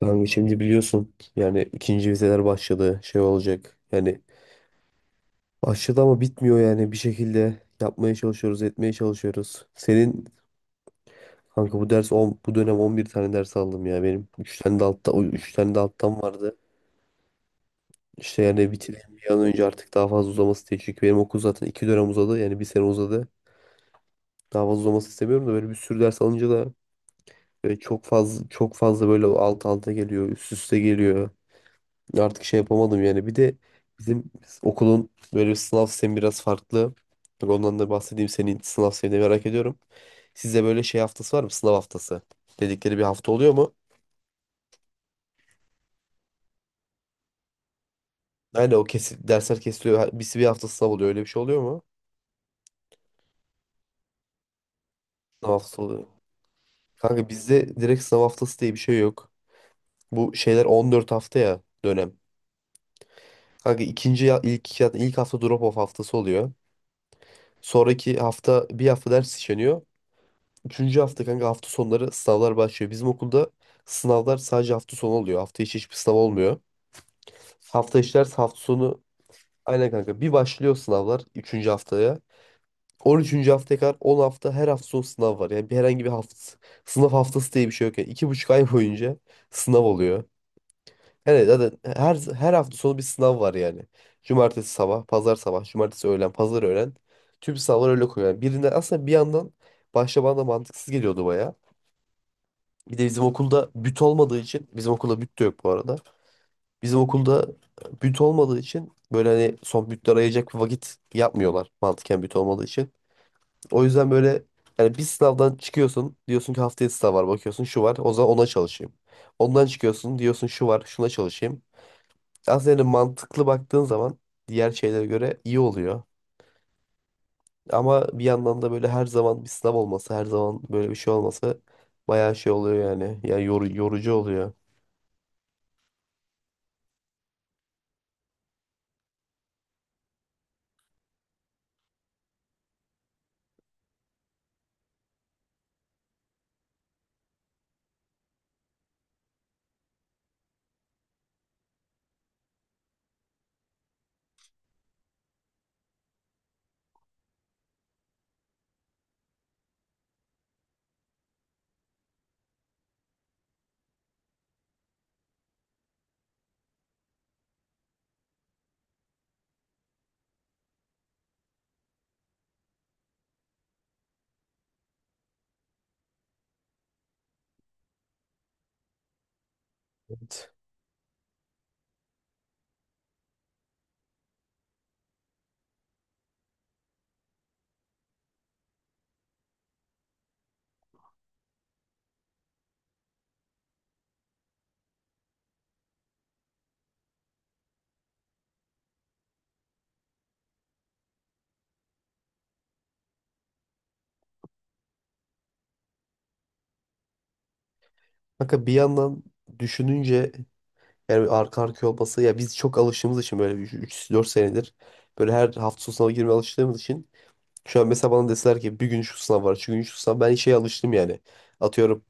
Kanka şimdi biliyorsun yani ikinci vizeler başladı, şey olacak yani başladı ama bitmiyor yani bir şekilde yapmaya çalışıyoruz etmeye çalışıyoruz. Senin kanka, bu dönem 11 tane ders aldım ya, benim üç tane de altta üç tane de alttan vardı. İşte yani bitireyim bir an önce, artık daha fazla uzaması değil çünkü benim okul zaten 2 dönem uzadı yani bir sene uzadı. Daha fazla uzaması istemiyorum da böyle bir sürü ders alınca da çok fazla çok fazla böyle alt alta geliyor üst üste geliyor. Artık şey yapamadım yani. Bir de bizim okulun böyle bir sınav sistemi biraz farklı. Bak ondan da bahsedeyim. Senin sınav sistemini merak ediyorum. Size böyle şey haftası var mı? Sınav haftası dedikleri bir hafta oluyor mu? Aynen, o kesin. Dersler kesiliyor. Bir hafta sınav oluyor. Öyle bir şey oluyor mu? Sınav haftası oluyor. Kanka bizde direkt sınav haftası diye bir şey yok. Bu şeyler 14 hafta ya dönem. Kanka ilk hafta drop off haftası oluyor. Sonraki hafta bir hafta ders işleniyor. Üçüncü hafta kanka hafta sonları sınavlar başlıyor. Bizim okulda sınavlar sadece hafta sonu oluyor. Hafta içi hiçbir sınav olmuyor. Hafta içi ders, hafta sonu aynen kanka. Bir başlıyor sınavlar üçüncü haftaya. 13. haftaya kadar 10 hafta her hafta sonu sınav var. Yani bir herhangi bir hafta sınav haftası diye bir şey yok. Yani 2,5 ay boyunca sınav oluyor. Yani zaten her hafta sonu bir sınav var yani. Cumartesi sabah, pazar sabah, cumartesi öğlen, pazar öğlen. Tüm sınavlar öyle koyuyor. Yani birinden aslında, bir yandan başta bana da mantıksız geliyordu baya. Bir de bizim okulda büt olmadığı için, bizim okulda büt de yok bu arada. Bizim okulda büt olmadığı için böyle hani son bütler ayıracak bir vakit yapmıyorlar mantıken, büt olmadığı için. O yüzden böyle yani bir sınavdan çıkıyorsun diyorsun ki haftaya sınav var, bakıyorsun şu var, o zaman ona çalışayım. Ondan çıkıyorsun diyorsun şu var, şuna çalışayım. Aslında yani mantıklı baktığın zaman diğer şeylere göre iyi oluyor. Ama bir yandan da böyle her zaman bir sınav olması, her zaman böyle bir şey olması bayağı şey oluyor yani. Yani yorucu oluyor. Evet. Kanka bir yandan düşününce yani arka arkaya olması, ya biz çok alıştığımız için böyle üç, dört senedir böyle her hafta sonu sınava girmeye alıştığımız için şu an mesela bana deseler ki bir gün şu sınav var, şu gün şu sınav, ben şeye alıştım yani. Atıyorum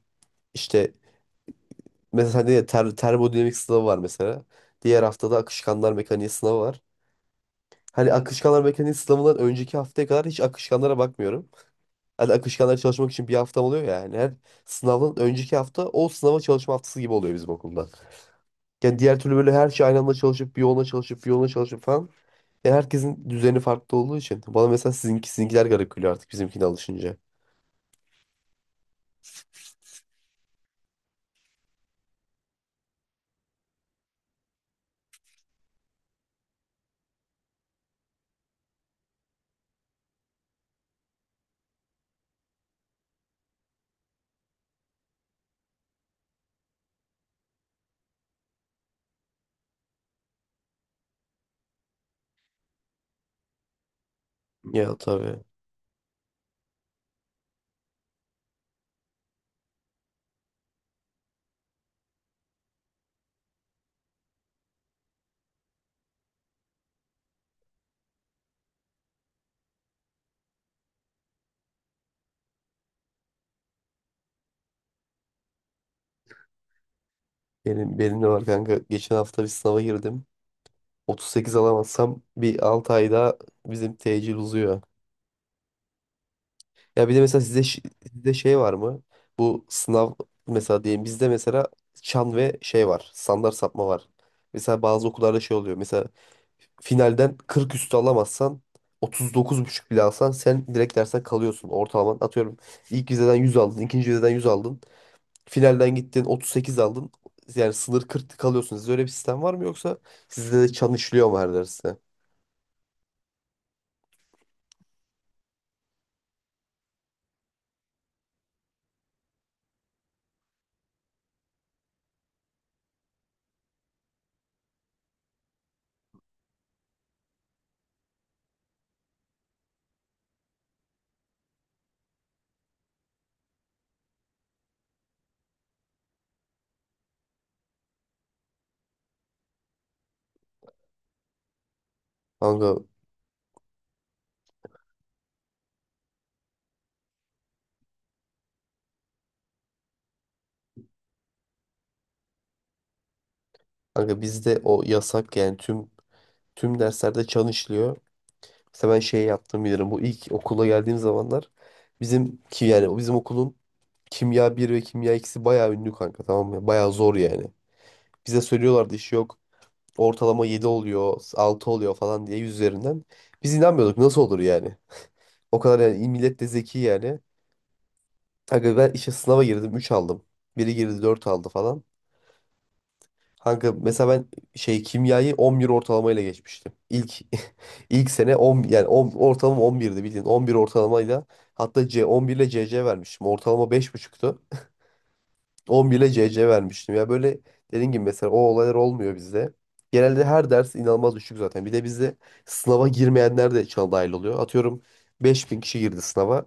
işte mesela ne ya, termodinamik sınavı var mesela. Diğer haftada akışkanlar mekaniği sınavı var. Hani akışkanlar mekaniği sınavından önceki haftaya kadar hiç akışkanlara bakmıyorum. Hani akışkanlara çalışmak için bir haftam oluyor ya yani. Her sınavdan önceki hafta o sınava çalışma haftası gibi oluyor bizim okulda. Yani diğer türlü böyle her şey aynı anda çalışıp bir yoluna çalışıp bir yoluna çalışıp falan. Ya herkesin düzeni farklı olduğu için. Bana mesela sizinki, sizinkiler garip geliyor artık bizimkine alışınca. Ya, tabii. Benim de var kanka. Geçen hafta bir sınava girdim. 38 alamazsam bir 6 ay daha bizim tecil uzuyor. Ya bir de mesela sizde, sizde şey var mı? Bu sınav mesela diyelim, bizde mesela çan ve şey var. Standart sapma var. Mesela bazı okullarda şey oluyor. Mesela finalden 40 üstü alamazsan 39,5 bile alsan sen direkt dersten kalıyorsun. Ortalaman, atıyorum, ilk vizeden 100 aldın, ikinci vizeden 100 aldın. Finalden gittin 38 aldın. Yani sınır 40, kalıyorsun. Sizde öyle bir sistem var mı, yoksa sizde de çan işliyor mu her derste? Kanka, kanka, bizde o yasak yani tüm derslerde çan işliyor. Mesela ben şey yaptım bilirim. Bu ilk okula geldiğim zamanlar bizim ki yani bizim okulun kimya bir ve kimya ikisi bayağı ünlü kanka, tamam mı? Bayağı zor yani. Bize söylüyorlardı iş yok. Ortalama 7 oluyor, 6 oluyor falan diye 100 üzerinden. Biz inanmıyorduk nasıl olur yani. O kadar yani, millet de zeki yani. Kanka ben işte sınava girdim, 3 aldım. Biri girdi, 4 aldı falan. Kanka mesela ben şey kimyayı 11 ortalamayla geçmiştim. İlk ilk sene 10 yani 10 ortalama 11'di bildiğin. 11 ortalamayla, hatta C 11 ile CC vermiştim. Ortalama 5,5'tu. 11 ile CC vermiştim. Ya, böyle dediğin gibi mesela o olaylar olmuyor bizde. Genelde her ders inanılmaz düşük zaten. Bir de bizde sınava girmeyenler de içine dahil oluyor. Atıyorum 5.000 kişi girdi sınava.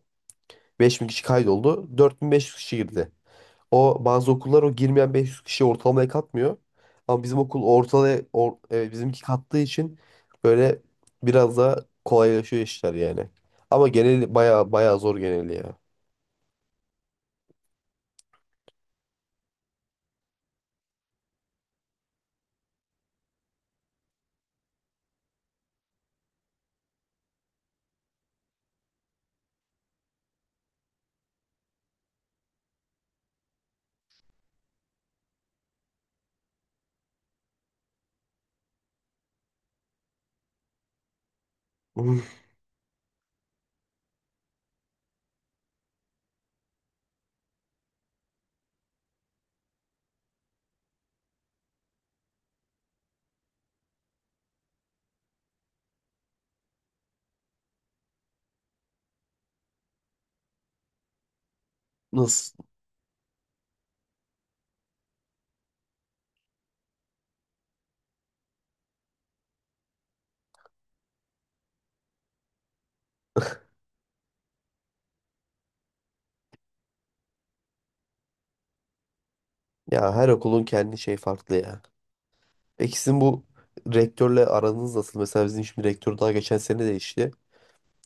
5.000 kişi kaydoldu. 4.500 kişi girdi. O bazı okullar o girmeyen 500 kişi ortalamaya katmıyor. Ama bizim okul bizimki kattığı için böyle biraz daha kolaylaşıyor işler yani. Ama genel baya baya zor geneli ya. Nasıl? Ya her okulun kendi şey farklı ya. Peki sizin bu rektörle aranız nasıl? Mesela bizim şimdi rektör daha geçen sene değişti.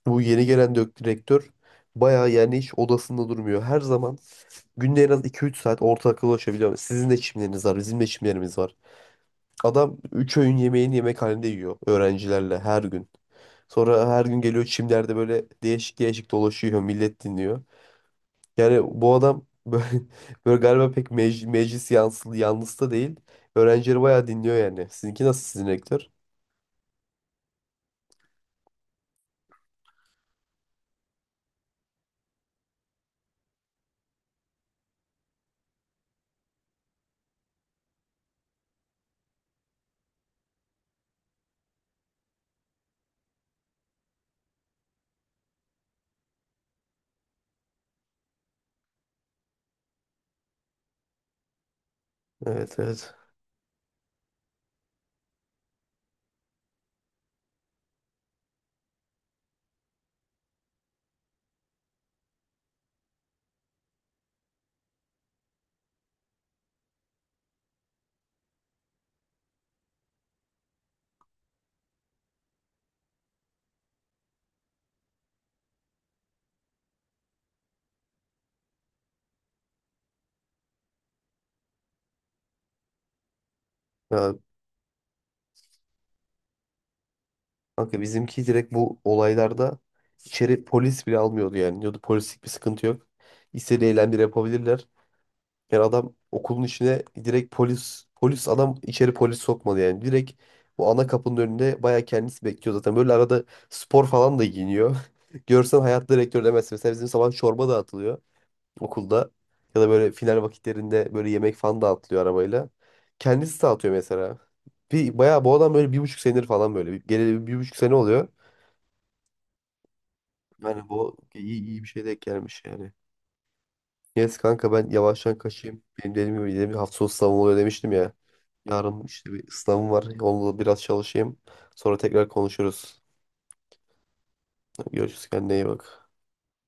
Bu yeni gelen direktör bayağı, yani hiç odasında durmuyor. Her zaman günde en az iki üç saat ortaklaşabiliyor. Sizin de çimleriniz var, bizim de çimlerimiz var. Adam 3 öğün yemeğini yemekhanede yiyor öğrencilerle her gün. Sonra her gün geliyor çimlerde böyle değişik değişik dolaşıyor, millet dinliyor. Yani bu adam böyle, böyle galiba pek meclis yanlısı da değil. Öğrencileri bayağı dinliyor yani. Sizinki nasıl, sizin rektör? Evet, evet. Ya, kanka bizimki direkt bu olaylarda içeri polis bile almıyordu yani. Diyordu polislik bir sıkıntı yok, İstediği eylemleri yapabilirler. Yani adam okulun içine direkt polis polis adam içeri polis sokmadı yani. Direkt bu ana kapının önünde bayağı kendisi bekliyor zaten. Böyle arada spor falan da giyiniyor. Görsen hayat direktör demezsin. Mesela bizim sabah çorba dağıtılıyor okulda, ya da böyle final vakitlerinde böyle yemek falan dağıtılıyor arabayla. Kendisi dağıtıyor mesela. Bayağı bu adam böyle 1,5 senedir falan böyle. Geleli bir buçuk sene oluyor. Yani bu iyi, iyi bir şey denk gelmiş yani. Neyse kanka ben yavaştan kaçayım. Benim dediğim gibi hafta sonu sınavım oluyor demiştim ya. Yarın işte bir sınavım var, onunla biraz çalışayım. Sonra tekrar konuşuruz. Görüşürüz, kendine iyi bak.